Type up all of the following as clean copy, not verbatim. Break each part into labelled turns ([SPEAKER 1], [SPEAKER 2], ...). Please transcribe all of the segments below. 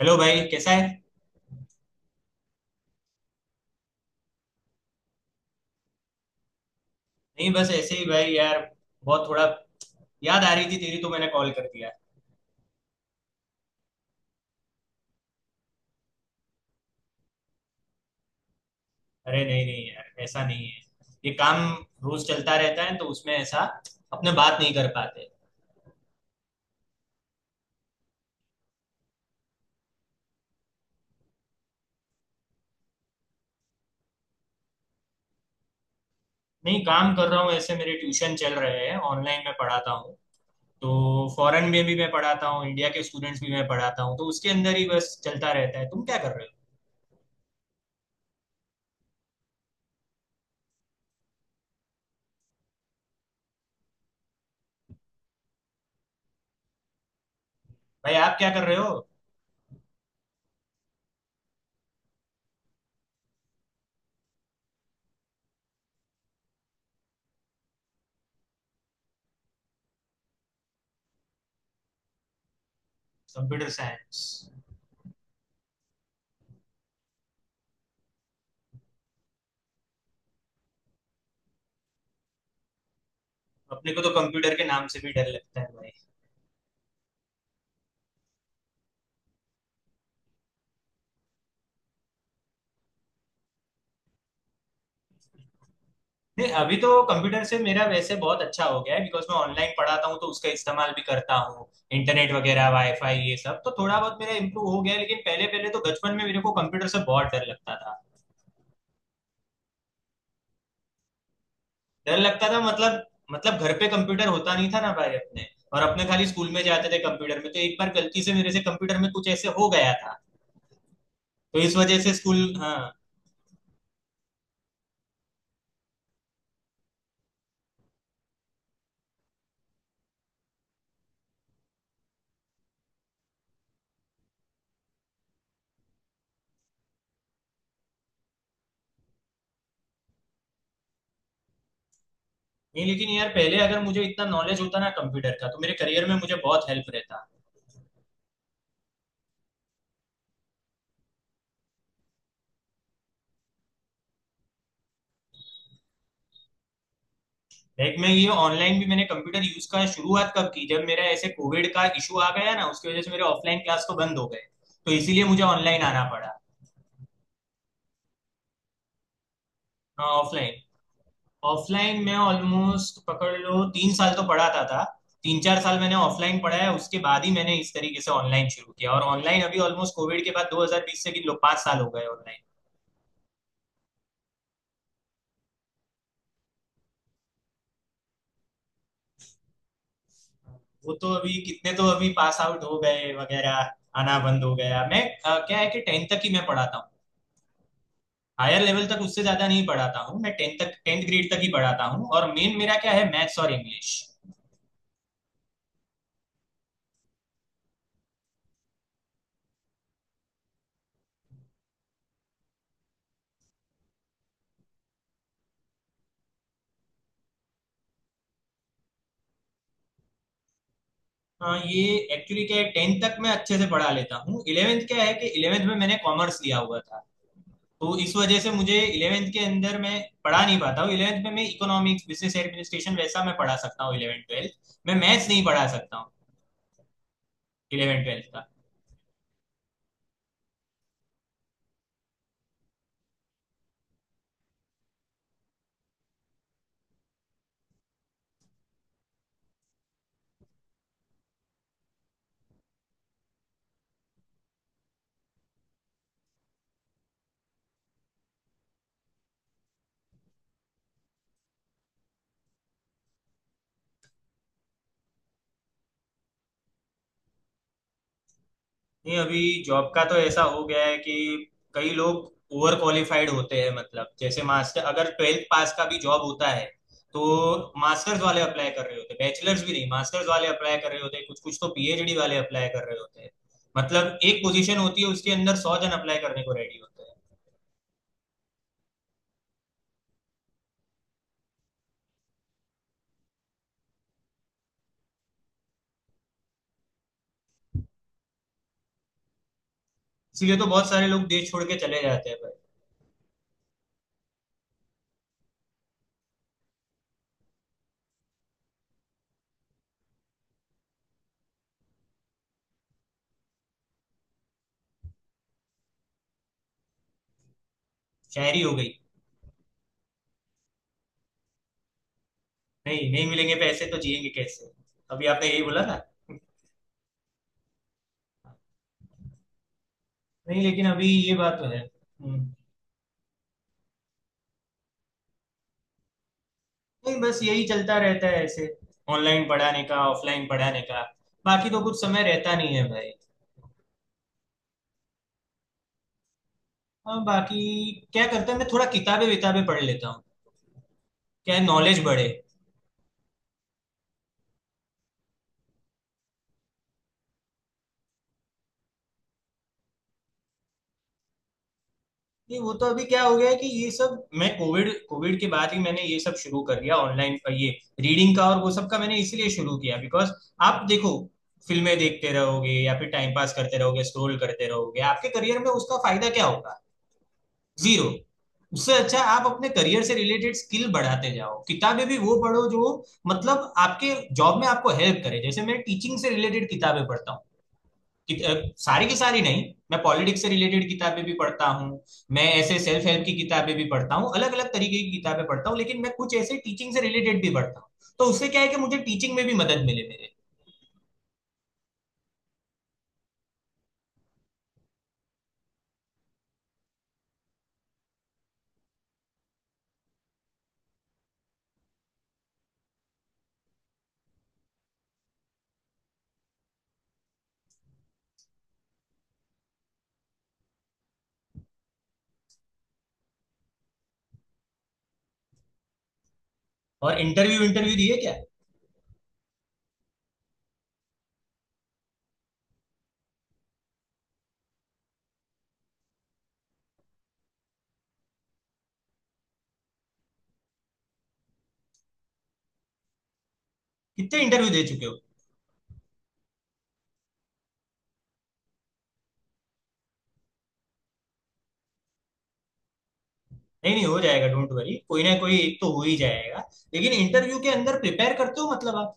[SPEAKER 1] Hello भाई, कैसा है। नहीं, बस ऐसे ही भाई यार। बहुत थोड़ा याद आ रही थी तेरी तो मैंने कॉल कर दिया। अरे नहीं नहीं, यार ऐसा नहीं है। ये काम रोज चलता रहता है, तो उसमें ऐसा अपने बात नहीं कर पाते। नहीं, काम कर रहा हूँ ऐसे। मेरे ट्यूशन चल रहे हैं ऑनलाइन, मैं पढ़ाता हूँ। तो फॉरेन में भी मैं पढ़ाता हूँ, इंडिया के स्टूडेंट्स भी मैं पढ़ाता हूँ, तो उसके अंदर ही बस चलता रहता है। तुम क्या कर रहे हो। भाई, आप क्या कर रहे हो। Computer science. अपने को तो कंप्यूटर के नाम से भी डर लगता है। नहीं, अभी तो कंप्यूटर से मेरा वैसे बहुत अच्छा हो गया है, बिकॉज मैं ऑनलाइन पढ़ाता हूँ तो उसका इस्तेमाल भी करता हूँ। इंटरनेट वगैरह, वाईफाई, ये सब तो थोड़ा बहुत मेरा इम्प्रूव हो गया है, लेकिन पहले पहले तो बचपन में मेरे को कंप्यूटर से बहुत डर लगता था। डर लगता था मतलब घर पे कंप्यूटर होता नहीं था ना भाई अपने। और अपने खाली स्कूल में जाते थे, कंप्यूटर में तो एक बार गलती से मेरे से कंप्यूटर में कुछ ऐसे हो गया था। तो इस वजह से स्कूल, हाँ। नहीं, लेकिन यार पहले अगर मुझे इतना नॉलेज होता ना कंप्यूटर का, तो मेरे करियर में मुझे बहुत हेल्प रहता। लाइक मैं ये ऑनलाइन भी मैंने कंप्यूटर यूज का शुरुआत कब की, जब मेरा ऐसे कोविड का इशू आ गया ना, उसकी वजह से मेरे ऑफलाइन क्लास तो बंद हो गए। तो इसीलिए मुझे ऑनलाइन आना पड़ा। ऑफलाइन। ऑफलाइन मैं ऑलमोस्ट पकड़ लो 3 साल तो पढ़ाता था। 3-4 साल मैंने ऑफलाइन पढ़ा है, उसके बाद ही मैंने इस तरीके से ऑनलाइन शुरू किया। और ऑनलाइन अभी ऑलमोस्ट कोविड के बाद 2020 से किन लोग 5 साल हो गए ऑनलाइन। वो तो अभी कितने तो अभी पास आउट हो गए वगैरह, आना बंद हो गया। मैं क्या है कि टेंथ तक ही मैं पढ़ाता हूँ, हायर लेवल तक उससे ज्यादा नहीं पढ़ाता हूँ। मैं टेंथ तक, टेंथ ग्रेड तक ही पढ़ाता हूँ, और मेन मेरा क्या है मैथ्स और इंग्लिश। ये एक्चुअली क्या है, टेंथ तक मैं अच्छे से पढ़ा लेता हूँ। इलेवेंथ क्या है कि इलेवेंथ में मैंने कॉमर्स लिया हुआ था, तो इस वजह से मुझे इलेवेंथ के अंदर मैं पढ़ा नहीं पाता हूँ। इलेवेंथ में मैं इकोनॉमिक्स, बिजनेस एडमिनिस्ट्रेशन वैसा मैं पढ़ा सकता हूँ, इलेवेंथ ट्वेल्थ मैं मैथ्स नहीं पढ़ा सकता हूँ इलेवेंथ ट्वेल्थ का। नहीं, अभी जॉब का तो ऐसा हो गया है कि कई लोग ओवर क्वालिफाइड होते हैं, मतलब जैसे मास्टर, अगर ट्वेल्थ पास का भी जॉब होता है तो मास्टर्स वाले अप्लाई कर रहे होते हैं, बैचलर्स भी नहीं मास्टर्स वाले अप्लाई कर रहे होते हैं, कुछ कुछ तो पीएचडी वाले अप्लाई कर रहे होते हैं। मतलब एक पोजीशन होती है उसके अंदर 100 जन अप्लाई करने को रेडी होते हैं। इसीलिए तो बहुत सारे लोग देश छोड़ के चले जाते हैं भाई। शायरी हो गई। नहीं नहीं, मिलेंगे पैसे तो जिएंगे कैसे, अभी आपने यही बोला ना। नहीं, लेकिन अभी ये बात तो है। हम्म। नहीं, बस यही चलता रहता है ऐसे, ऑनलाइन पढ़ाने का ऑफलाइन पढ़ाने का, बाकी तो कुछ समय रहता नहीं है भाई। हाँ, बाकी क्या करते हैं, मैं थोड़ा किताबें विताबें पढ़ लेता हूँ, क्या नॉलेज बढ़े। नहीं, वो तो अभी क्या हो गया है कि ये सब मैं कोविड कोविड के बाद ही मैंने ये सब शुरू कर दिया ऑनलाइन, ये रीडिंग का और वो सब का मैंने इसलिए शुरू किया, बिकॉज आप देखो, फिल्में देखते रहोगे या फिर टाइम पास करते रहोगे, स्क्रोल करते रहोगे, आपके करियर में उसका फायदा क्या होगा। जीरो। उससे अच्छा आप अपने करियर से रिलेटेड स्किल बढ़ाते जाओ, किताबें भी वो पढ़ो जो मतलब आपके जॉब में आपको हेल्प करे। जैसे मैं टीचिंग से रिलेटेड किताबें पढ़ता हूँ कि- अ, सारी की सारी नहीं। मैं पॉलिटिक्स से रिलेटेड किताबें भी पढ़ता हूँ, मैं ऐसे सेल्फ हेल्प की किताबें भी पढ़ता हूँ, अलग अलग तरीके की किताबें पढ़ता हूँ, लेकिन मैं कुछ ऐसे टीचिंग से रिलेटेड भी पढ़ता हूँ, तो उससे क्या है कि मुझे टीचिंग में भी मदद मिले मेरे। और इंटरव्यू इंटरव्यू दिए क्या। कितने इंटरव्यू दे चुके हो। नहीं नहीं, हो जाएगा, डोंट वरी, कोई ना कोई एक तो हो ही जाएगा। लेकिन इंटरव्यू के अंदर प्रिपेयर करते हो मतलब आप।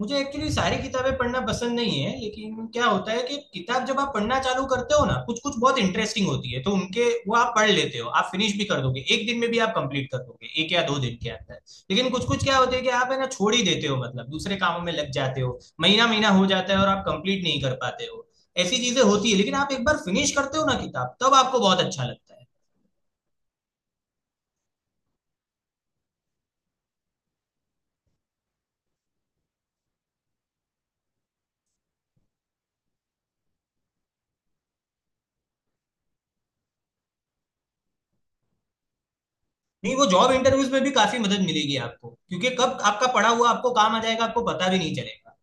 [SPEAKER 1] मुझे एक्चुअली सारी किताबें पढ़ना पसंद नहीं है, लेकिन क्या होता है कि किताब जब आप पढ़ना चालू करते हो ना, कुछ कुछ बहुत इंटरेस्टिंग होती है तो उनके वो आप पढ़ लेते हो, आप फिनिश भी कर दोगे एक दिन में भी, आप कंप्लीट कर दोगे एक या दो दिन के अंदर। लेकिन कुछ कुछ क्या होते है कि आप है ना छोड़ ही देते हो, मतलब दूसरे कामों में लग जाते हो, महीना महीना हो जाता है और आप कंप्लीट नहीं कर पाते हो। ऐसी चीजें होती है, लेकिन आप एक बार फिनिश करते हो ना किताब तब आपको बहुत अच्छा लगता है। नहीं, वो जॉब इंटरव्यूज में भी काफी मदद मिलेगी आपको, क्योंकि कब आपका पढ़ा हुआ आपको काम आ जाएगा आपको पता भी नहीं चलेगा।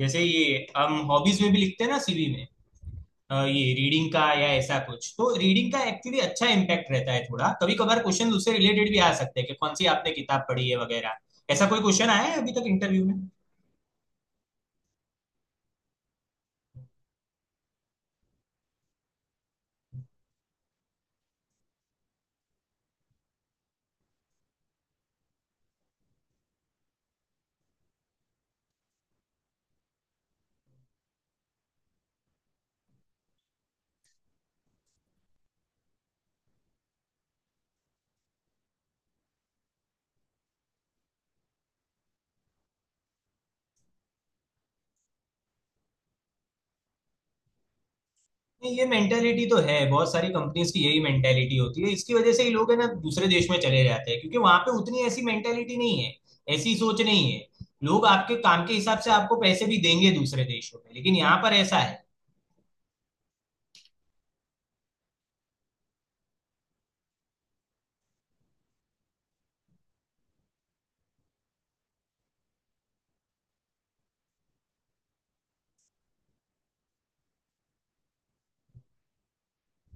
[SPEAKER 1] जैसे ये हम हॉबीज में भी लिखते हैं ना सीवी में, ये रीडिंग का या ऐसा कुछ, तो रीडिंग का एक्चुअली अच्छा इम्पैक्ट रहता है, थोड़ा कभी कभार क्वेश्चन उससे रिलेटेड भी आ सकते हैं कि कौन सी आपने किताब पढ़ी है वगैरह। ऐसा कोई क्वेश्चन आया है अभी तक इंटरव्यू में। नहीं, ये मेंटेलिटी तो है बहुत सारी कंपनीज की, यही मेंटेलिटी होती है, इसकी वजह से ही लोग है ना दूसरे देश में चले जाते हैं, क्योंकि वहां पे उतनी ऐसी मेंटेलिटी नहीं है, ऐसी सोच नहीं है। लोग आपके काम के हिसाब से आपको पैसे भी देंगे दूसरे देशों में, लेकिन यहाँ पर ऐसा है।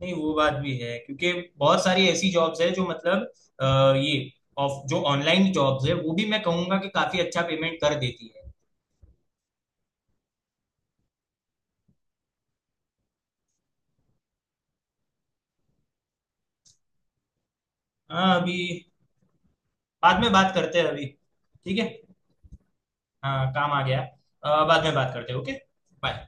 [SPEAKER 1] नहीं, वो बात भी है, क्योंकि बहुत सारी ऐसी जॉब्स है जो मतलब ये ऑफ जो ऑनलाइन जॉब्स है वो भी मैं कहूंगा कि काफी अच्छा पेमेंट कर देती है। हाँ, अभी बाद में बात करते हैं अभी, ठीक है। हाँ काम आ गया। बाद में बात करते हैं, ओके। बाय।